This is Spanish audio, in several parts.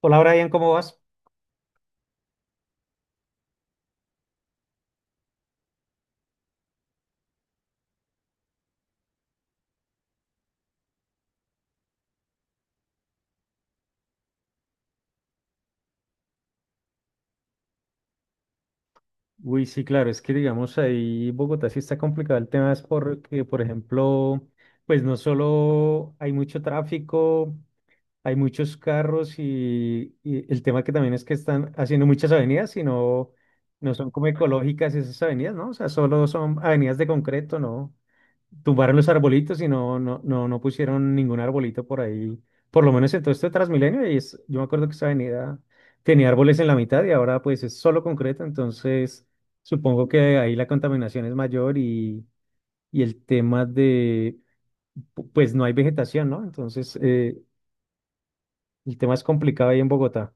Hola Brian, ¿cómo vas? Uy, sí, claro, es que digamos ahí Bogotá sí está complicado el tema, es porque, por ejemplo, pues no solo hay mucho tráfico, hay muchos carros y el tema que también es que están haciendo muchas avenidas, sino no son como ecológicas esas avenidas, ¿no? O sea, solo son avenidas de concreto, ¿no? Tumbaron los arbolitos y no, no, no, no pusieron ningún arbolito por ahí. Por lo menos en todo este Transmilenio, y es, yo me acuerdo que esa avenida tenía árboles en la mitad y ahora pues es solo concreto, entonces supongo que ahí la contaminación es mayor y el tema de, pues no hay vegetación, ¿no? Entonces el tema es complicado ahí en Bogotá.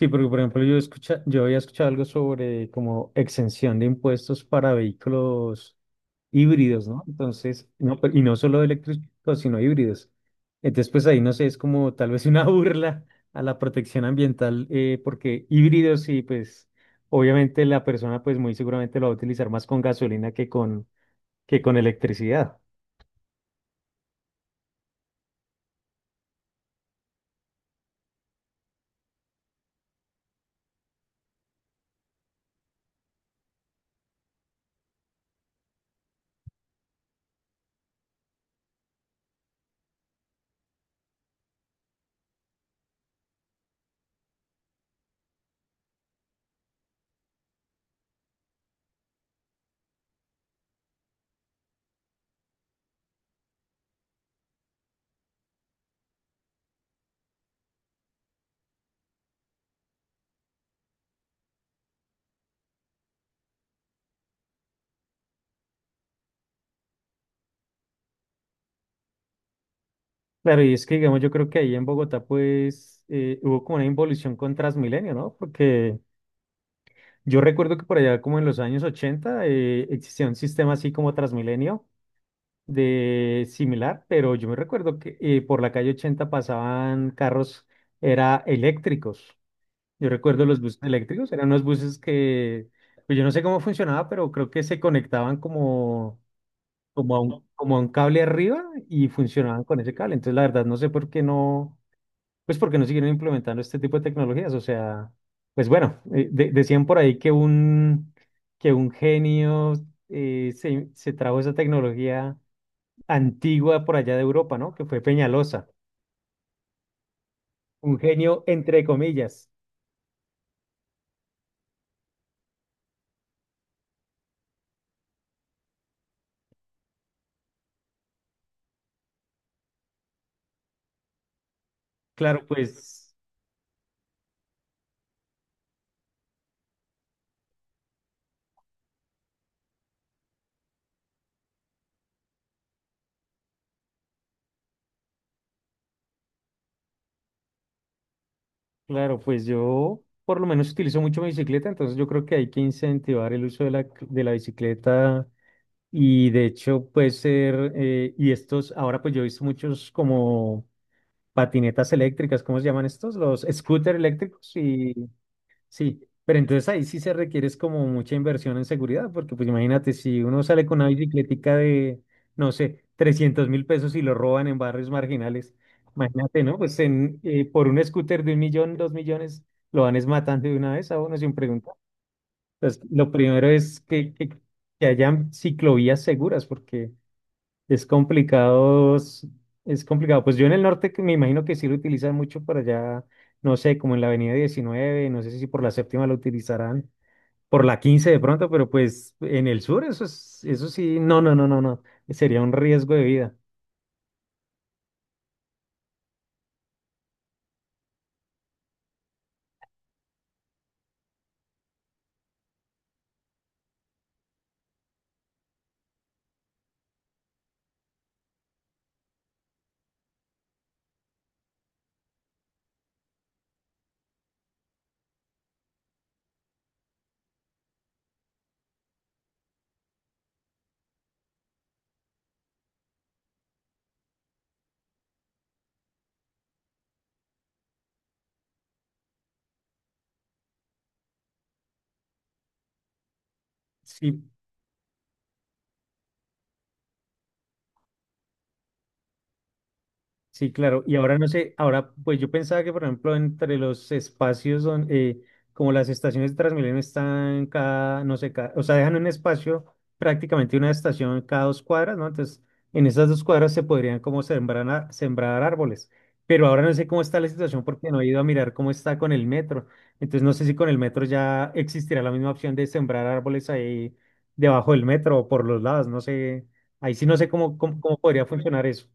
Sí, porque por ejemplo yo escucha, yo había escuchado algo sobre como exención de impuestos para vehículos híbridos, ¿no? Entonces, no, pero y no solo eléctricos, sino híbridos. Entonces, pues ahí no sé, es como tal vez una burla a la protección ambiental, porque híbridos y pues obviamente la persona pues muy seguramente lo va a utilizar más con gasolina que con electricidad. Claro, y es que digamos, yo creo que ahí en Bogotá pues hubo como una involución con Transmilenio, ¿no? Porque yo recuerdo que por allá como en los años 80 existía un sistema así como Transmilenio de similar, pero yo me recuerdo que por la calle 80 pasaban carros, era eléctricos. Yo recuerdo los buses eléctricos, eran unos buses que, pues yo no sé cómo funcionaba, pero creo que se conectaban como, como a un cable arriba y funcionaban con ese cable. Entonces la verdad no sé por qué no. Pues porque no siguieron implementando este tipo de tecnologías. O sea, pues bueno, decían por ahí que que un genio se trajo esa tecnología antigua por allá de Europa, ¿no? Que fue Peñalosa. Un genio entre comillas. Claro, pues, yo por lo menos utilizo mucho mi bicicleta, entonces yo creo que hay que incentivar el uso de la bicicleta y de hecho puede ser, y estos, ahora pues yo he visto muchos como patinetas eléctricas, ¿cómo se llaman estos? Los scooters eléctricos y sí, pero entonces ahí sí se requiere es como mucha inversión en seguridad, porque pues imagínate si uno sale con una bicicletica de, no sé, 300.000 pesos y lo roban en barrios marginales, imagínate, ¿no? Pues en, por un scooter de 1.000.000, 2.000.000, lo van es matando de una vez a uno sin preguntar. Entonces, lo primero es que hayan ciclovías seguras, porque... Es complicado, es complicado. Pues yo en el norte que me imagino que sí lo utilizan mucho por allá, no sé, como en la avenida 19 no sé si por la séptima lo utilizarán, por la 15 de pronto, pero pues en el sur eso es, eso sí, no, no, no, no, no, sería un riesgo de vida. Sí, sí, claro. Y ahora no sé, ahora pues yo pensaba que, por ejemplo, entre los espacios donde, como las estaciones de Transmilenio están cada, no sé, o sea, dejan un espacio prácticamente una estación cada dos cuadras, ¿no? Entonces, en esas dos cuadras se podrían como sembrar, sembrar árboles. Pero ahora no sé cómo está la situación porque no he ido a mirar cómo está con el metro. Entonces, no sé si con el metro ya existirá la misma opción de sembrar árboles ahí debajo del metro o por los lados, no sé. Ahí sí no sé cómo podría funcionar eso.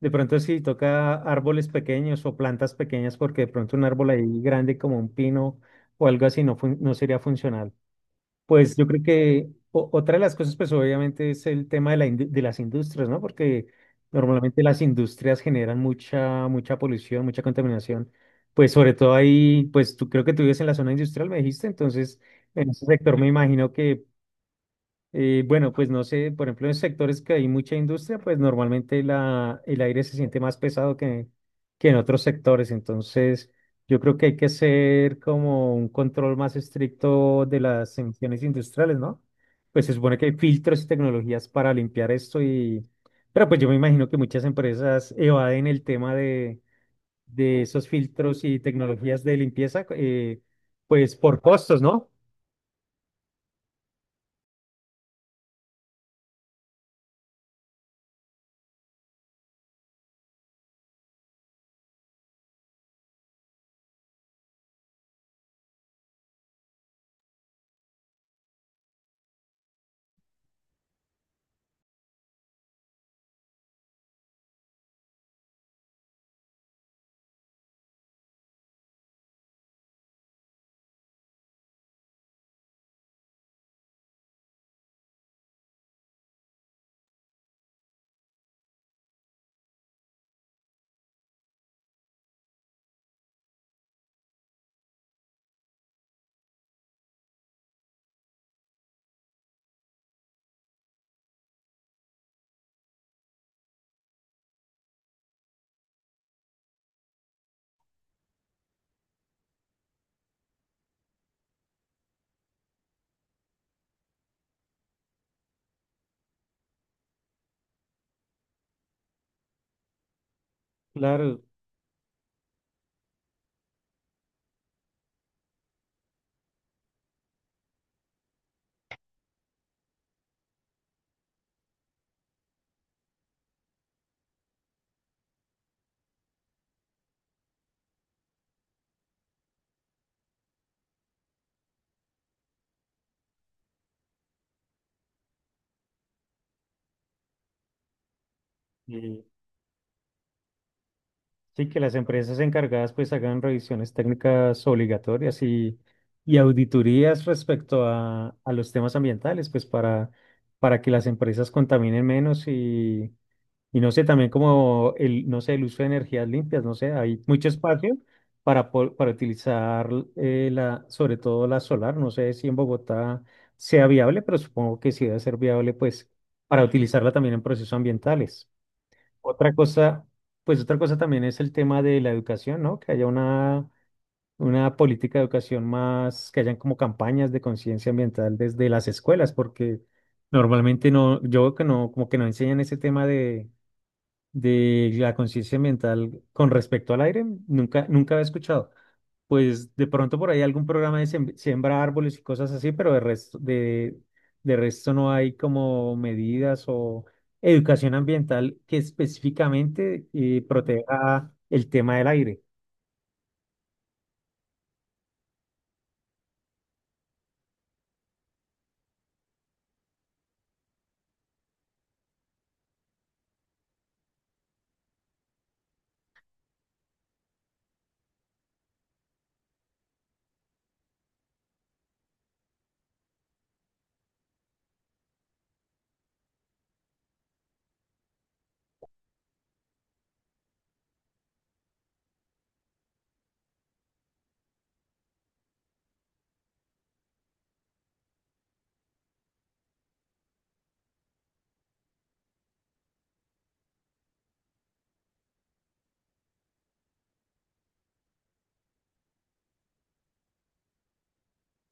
De pronto si toca árboles pequeños o plantas pequeñas porque de pronto un árbol ahí grande como un pino o algo así no, no sería funcional. Pues yo creo que otra de las cosas pues obviamente es el tema de, de las industrias, ¿no? Porque normalmente las industrias generan mucha, mucha polución, mucha contaminación. Pues sobre todo ahí, pues tú creo que tú vives en la zona industrial, me dijiste, entonces en ese sector me imagino que bueno, pues no sé, por ejemplo, en sectores que hay mucha industria, pues normalmente la, el aire se siente más pesado que en otros sectores. Entonces, yo creo que hay que hacer como un control más estricto de las emisiones industriales, ¿no? Pues se supone que hay filtros y tecnologías para limpiar esto y... Pero pues yo me imagino que muchas empresas evaden el tema de esos filtros y tecnologías de limpieza, pues por costos, ¿no? Claro. eh, sí, que las empresas encargadas pues hagan revisiones técnicas obligatorias y auditorías respecto a los temas ambientales, pues para que las empresas contaminen menos y no sé, también como el, no sé, el uso de energías limpias, no sé, hay mucho espacio para, para utilizar la, sobre todo la solar, no sé si en Bogotá sea viable, pero supongo que sí debe ser viable pues para utilizarla también en procesos ambientales. Otra cosa, pues otra cosa también es el tema de la educación, ¿no? Que haya una política de educación más, que hayan como campañas de conciencia ambiental desde las escuelas, porque normalmente no, yo veo que no, como que no enseñan ese tema de la conciencia ambiental con respecto al aire, nunca, nunca había escuchado. Pues de pronto por ahí algún programa de siembra árboles y cosas así, pero de resto no hay como medidas o educación ambiental que específicamente proteja el tema del aire.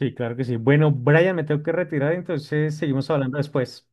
Sí, claro que sí. Bueno, Brian, me tengo que retirar, entonces seguimos hablando después.